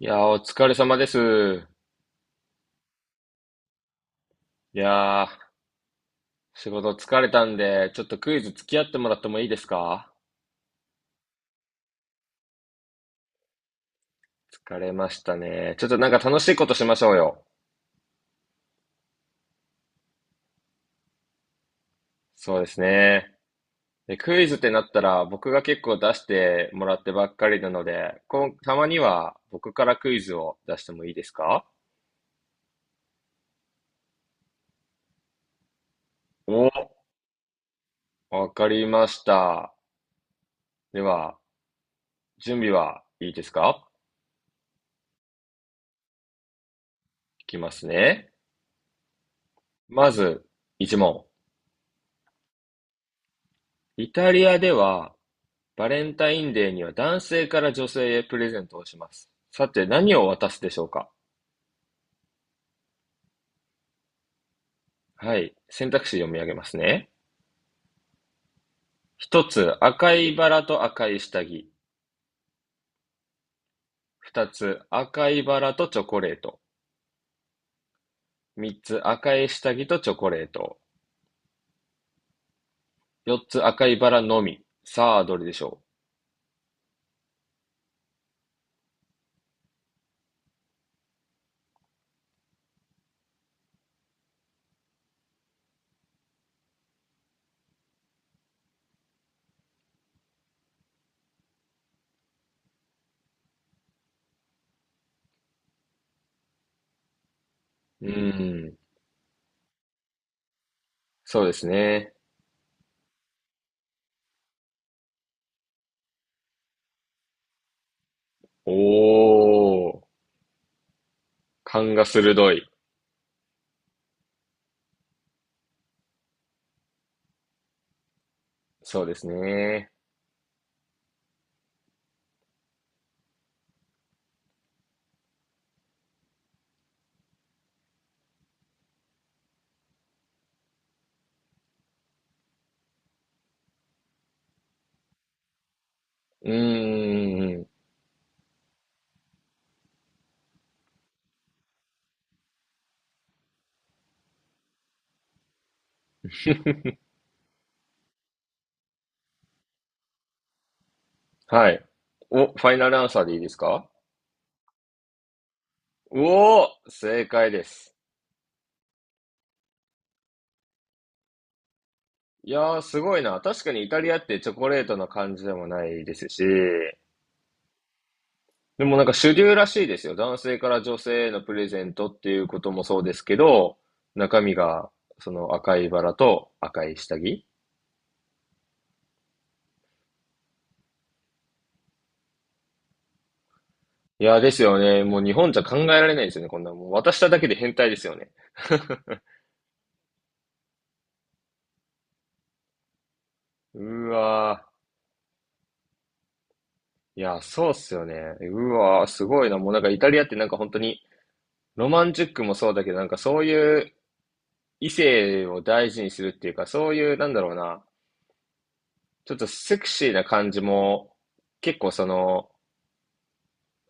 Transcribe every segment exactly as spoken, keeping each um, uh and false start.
いやー、お疲れ様です。いやー、仕事疲れたんで、ちょっとクイズ付き合ってもらってもいいですか？疲れましたね。ちょっとなんか楽しいことしましょうよ。そうですね。で、クイズってなったら、僕が結構出してもらってばっかりなので、こん、たまには僕からクイズを出してもいいですか？お、わかりました。では、準備はいいですか？いきますね。まず、一問。イタリアではバレンタインデーには男性から女性へプレゼントをします。さて、何を渡すでしょうか？はい。選択肢読み上げますね。一つ、赤いバラと赤い下着。二つ、赤いバラとチョコレート。三つ、赤い下着とチョコレート。四つ、赤いバラのみ。さあ、どれでしょう？うーん。そうですね。おー。勘が鋭い。そうですね。うーん。はい。お、ファイナルアンサーでいいですか？おお、正解です。いやー、すごいな。確かにイタリアってチョコレートな感じでもないですし、でもなんか主流らしいですよ。男性から女性へのプレゼントっていうこともそうですけど、中身がその赤いバラと赤い下着。いやーですよね。もう日本じゃ考えられないですよね。こんなもう渡しただけで変態ですよね。うわー。いやそうっすよね。うわー、すごいな。もうなんかイタリアってなんか本当にロマンチックもそうだけど、なんかそういう異性を大事にするっていうか、そういう、なんだろうな、ちょっとセクシーな感じも、結構その、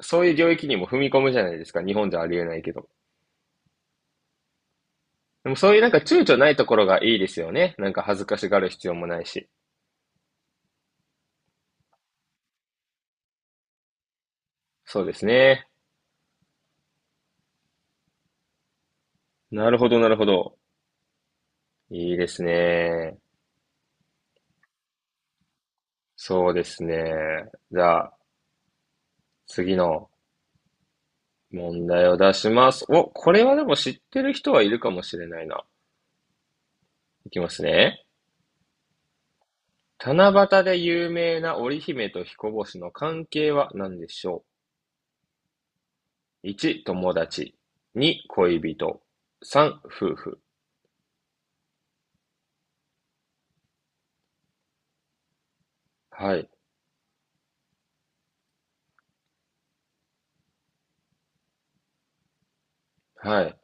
そういう領域にも踏み込むじゃないですか。日本じゃありえないけど。でもそういうなんか躊躇ないところがいいですよね。なんか恥ずかしがる必要もないし。そうですね。なるほど、なるほど。いいですね。そうですね。じゃあ、次の問題を出します。お、これはでも知ってる人はいるかもしれないな。いきますね。七夕で有名な織姫と彦星の関係は何でしょう？ いち、友達。に、恋人。さん、夫婦。はい。はい。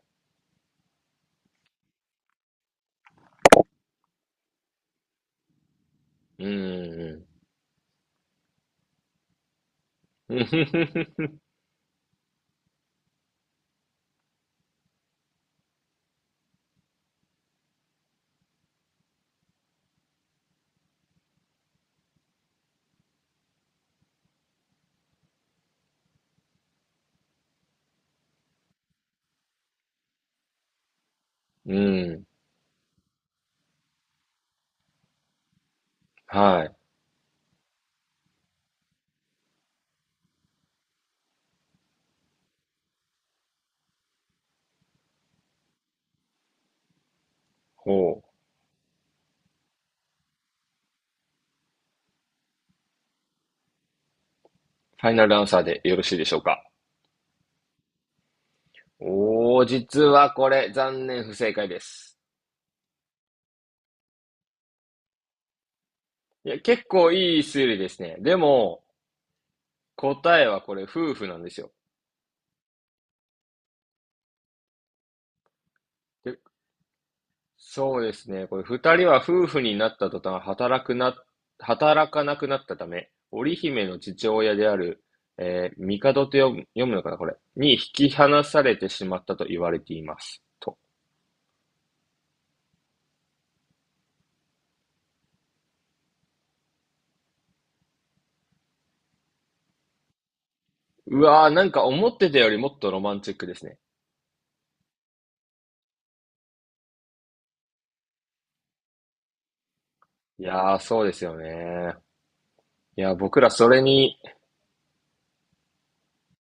うーん。うふふふ うーん。はい。ほう。ファイナルアンサーでよろしいでしょうか？おー、実はこれ、残念不正解です。いや、結構いい推理ですね。でも、答えはこれ、夫婦なんですよ。そうですね。これ、二人は夫婦になった途端、働くな、働かなくなったため、織姫の父親である、えー帝と読む、読むのかな、これ。に引き離されてしまったと言われています。と。うわー、なんか思ってたよりもっとロマンチックですね。いやー、そうですよね。いや、僕らそれに、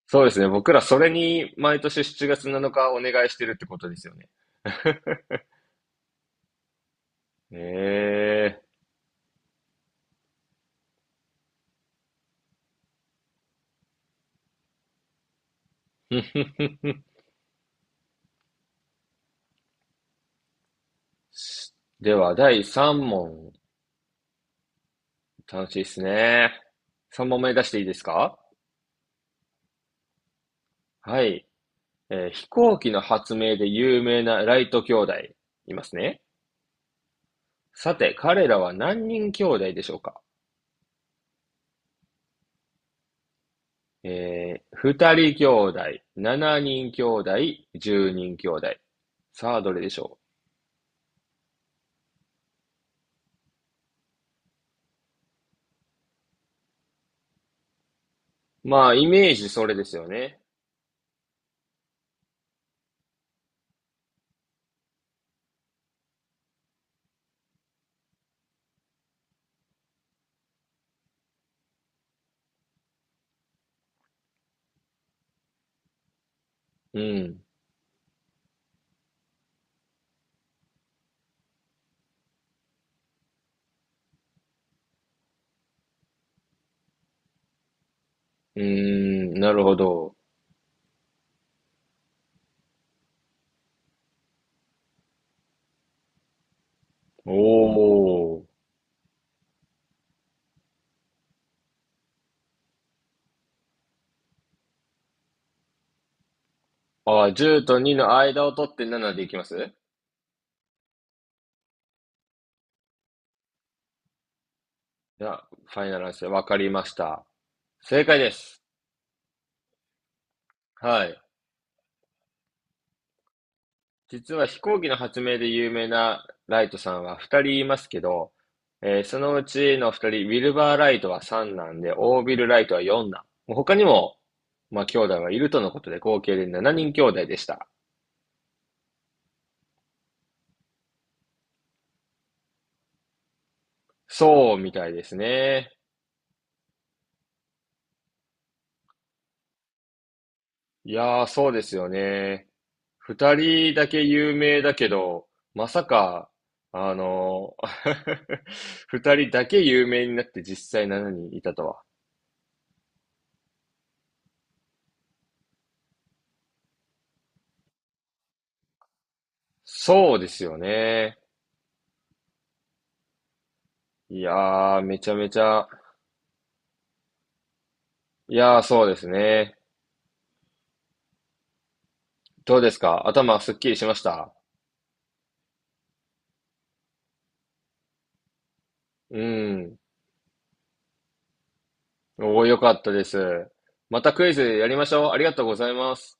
そうですね。僕らそれに毎年しちがつなのかお願いしてるってことですよね。えー。では、だいさん問。楽しいですね。さん問目出していいですか？はい。えー飛行機の発明で有名なライト兄弟、いますね。さて、彼らは何人兄弟でしょうか？えー、ふたり兄弟、しちにん兄弟、じゅうにん兄弟。さあ、どれでしょう？まあ、イメージそれですよね。うん。うーん、なるほど。おー。あー、じゅうとにの間を取ってななでいきます。じゃあ、ファイナルアンサー、わかりました。正解です。はい。実は飛行機の発明で有名なライトさんはふたりいますけど、えーそのうちのふたり、ウィルバー・ライトはさん男で、オービル・ライトはよん男。もう他にも、まあ、兄弟はいるとのことで、合計でしちにん兄弟でした。そうみたいですね。いやー、そうですよね。ふたりだけ有名だけど、まさか、あのー、ふたりだけ有名になって実際しちにんいたとは。そうですよね。いやー、めちゃめちゃ、いやー、そうですね。どうですか？頭すっきりしました？うん。おー、よかったです。またクイズやりましょう。ありがとうございます。